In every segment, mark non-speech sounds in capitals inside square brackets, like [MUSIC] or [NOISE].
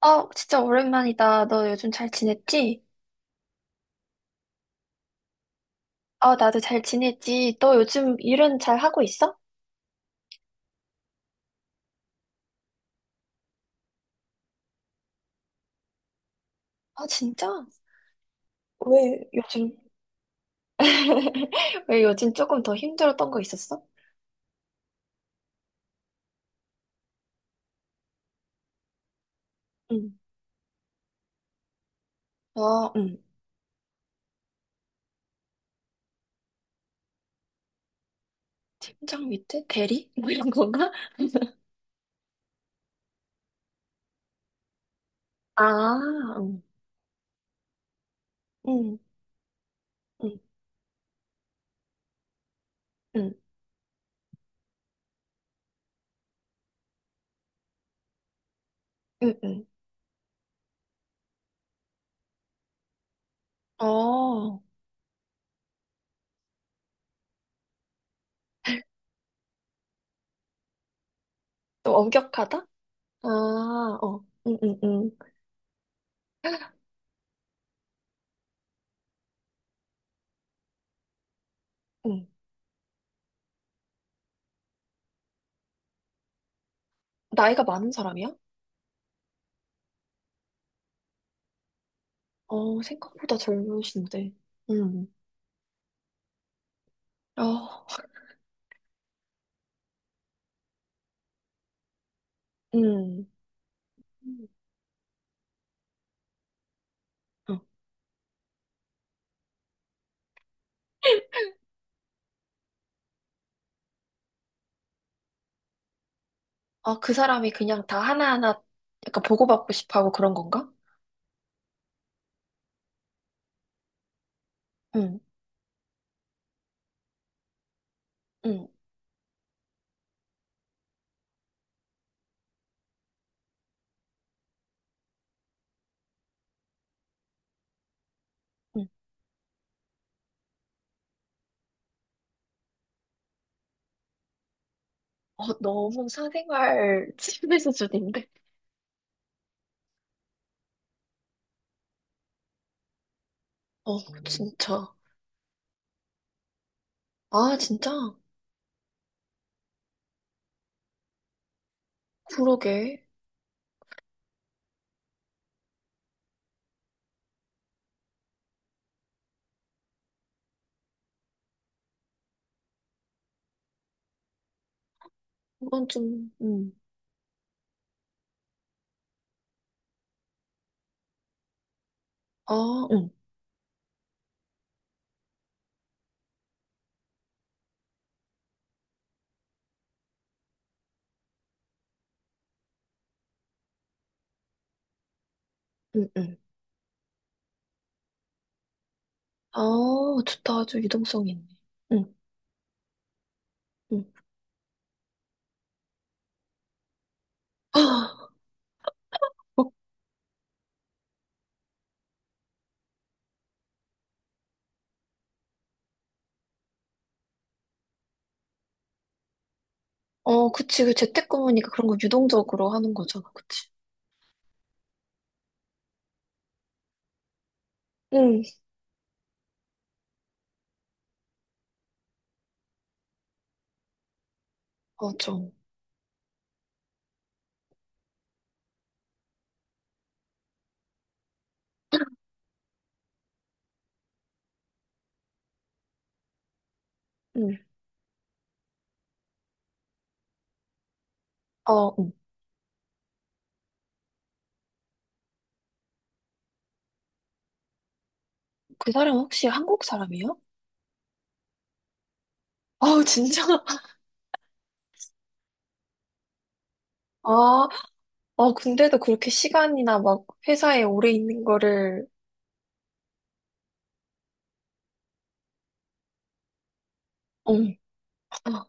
어, 진짜 오랜만이다. 너 요즘 잘 지냈지? 어, 나도 잘 지냈지. 너 요즘 일은 잘 하고 있어? 아, 진짜? 왜 요즘, [LAUGHS] 왜 요즘 조금 더 힘들었던 거 있었어? 응. 어, 응. 현장 밑에? 대리? [LAUGHS] 뭐 이런 건가? 아, 응. 응, 응, 응, 응, 응. 어, 좀 엄격하다? 아, 어, 응, 응, 응, 응. 나이가 많은 사람이야? 어, 생각보다 젊으신데. 응. 어, 응. 어. 아, 그 사람이 그냥 다 하나하나 약간 보고받고 싶어 하고 그런 건가? 응, 응, 응. 어, 너무 사생활 [LAUGHS] 침해 수준인데? 어, 진짜. 아, 진짜? 그러게. 이건 좀, 응. 아, 응, 응, 응. 아, 좋다. 아주 유동성이 있네. 응, 응. 아, 어, 어, 그치. 그 재택근무니까 그런 거 유동적으로 하는 거잖아. 그치? 응, 맞아. 응. 어, 응. 그 사람 혹시 한국 사람이에요? 아, 진짜? [LAUGHS] 아, 어, 근데도 그렇게 시간이나 막 회사에 오래 있는 거를, 응, 아,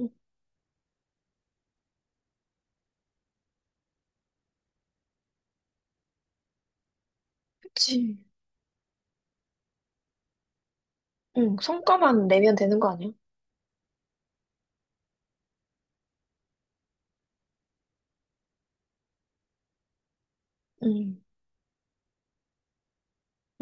응, 그치. 응, 성과만 내면 되는 거 아니야? 응.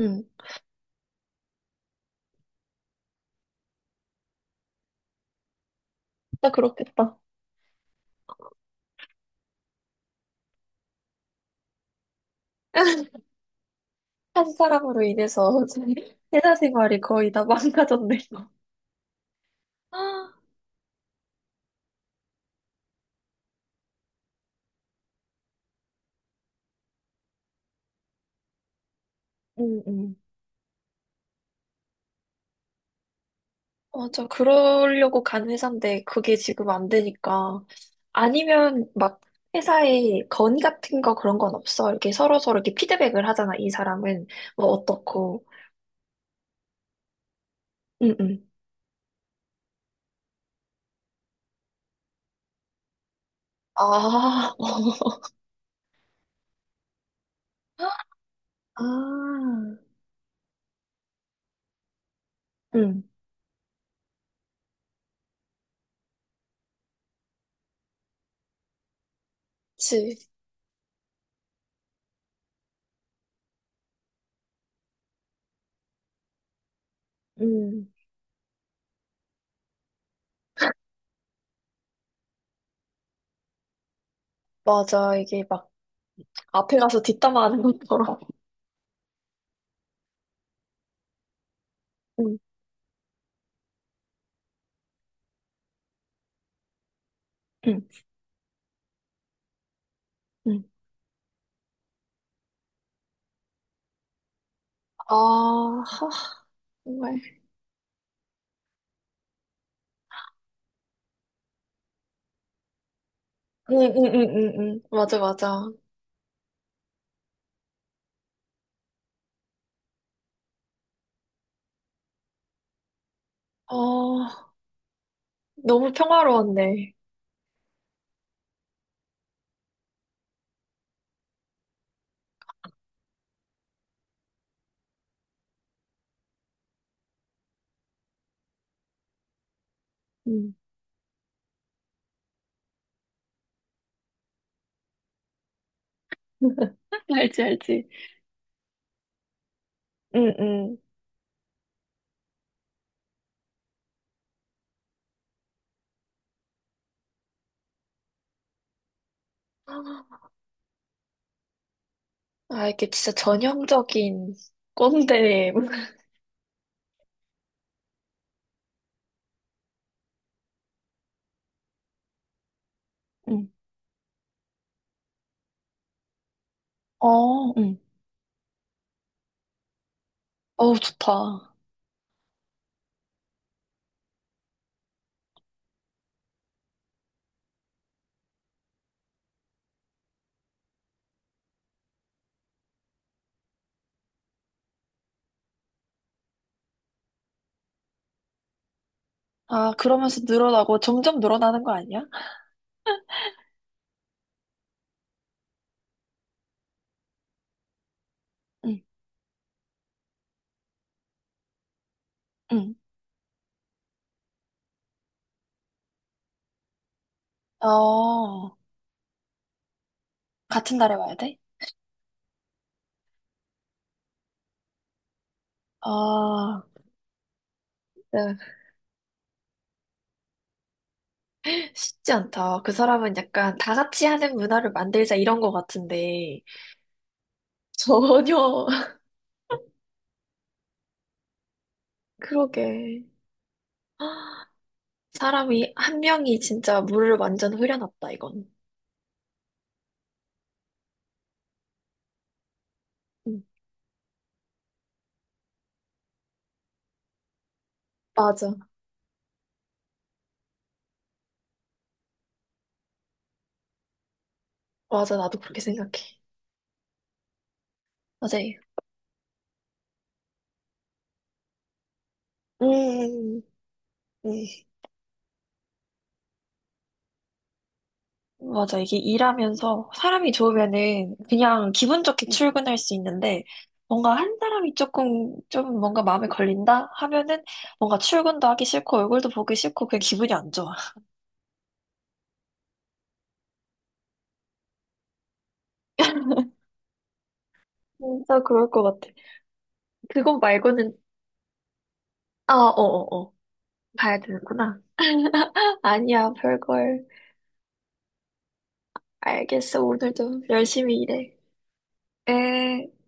응, 진짜 그렇겠다. 한 사람으로 인해서 [LAUGHS] 회사 생활이 거의 다 망가졌네, 이거. 아, 응, 응. 맞아. 그러려고 간 회사인데 그게 지금 안 되니까. 아니면 막 회사에 건의 같은 거 그런 건 없어? 이렇게 서로서로 이렇게 피드백을 하잖아, 이 사람은. 뭐 어떻고. 응, 응. 아, 아, 응, 그치. 응, 맞아. 이게 막 앞에 가서 뒷담화하는 것처럼. 응, 응, 응. 아, 하, 정말. 응, 응, 응, 응, 응. 맞아, 맞아. 아, 너무 평화로웠네. 응. [LAUGHS] 알지, 알지. 응, 응. 아, 이게 진짜 전형적인 꼰대. [LAUGHS] 응. 어, 응. 어우, 좋다. 아, 그러면서 늘어나고 점점 늘어나는 거 아니야? 응, 응. 어. 같은 달에 와야 돼? 아, 네. 쉽지 않다. 그 사람은 약간 다 같이 하는 문화를 만들자 이런 거 같은데, 전혀. [LAUGHS] 그러게. 사람이, 한 명이 진짜 물을 완전 흐려놨다, 이건. 음, 맞아. 맞아, 나도 그렇게 생각해. 맞아요. 음, 음. 맞아. 이게 일하면서 사람이 좋으면은 그냥 기분 좋게, 응, 출근할 수 있는데 뭔가 한 사람이 조금 좀 뭔가 마음에 걸린다 하면은 뭔가 출근도 하기 싫고 얼굴도 보기 싫고 그냥 기분이 안 좋아. 진짜 그럴 것 같아. 그거 말고는 아, 어, 어, 어. 봐야 되는구나. [LAUGHS] 아니야, 별걸. 알겠어. 오늘도 열심히 일해. 에.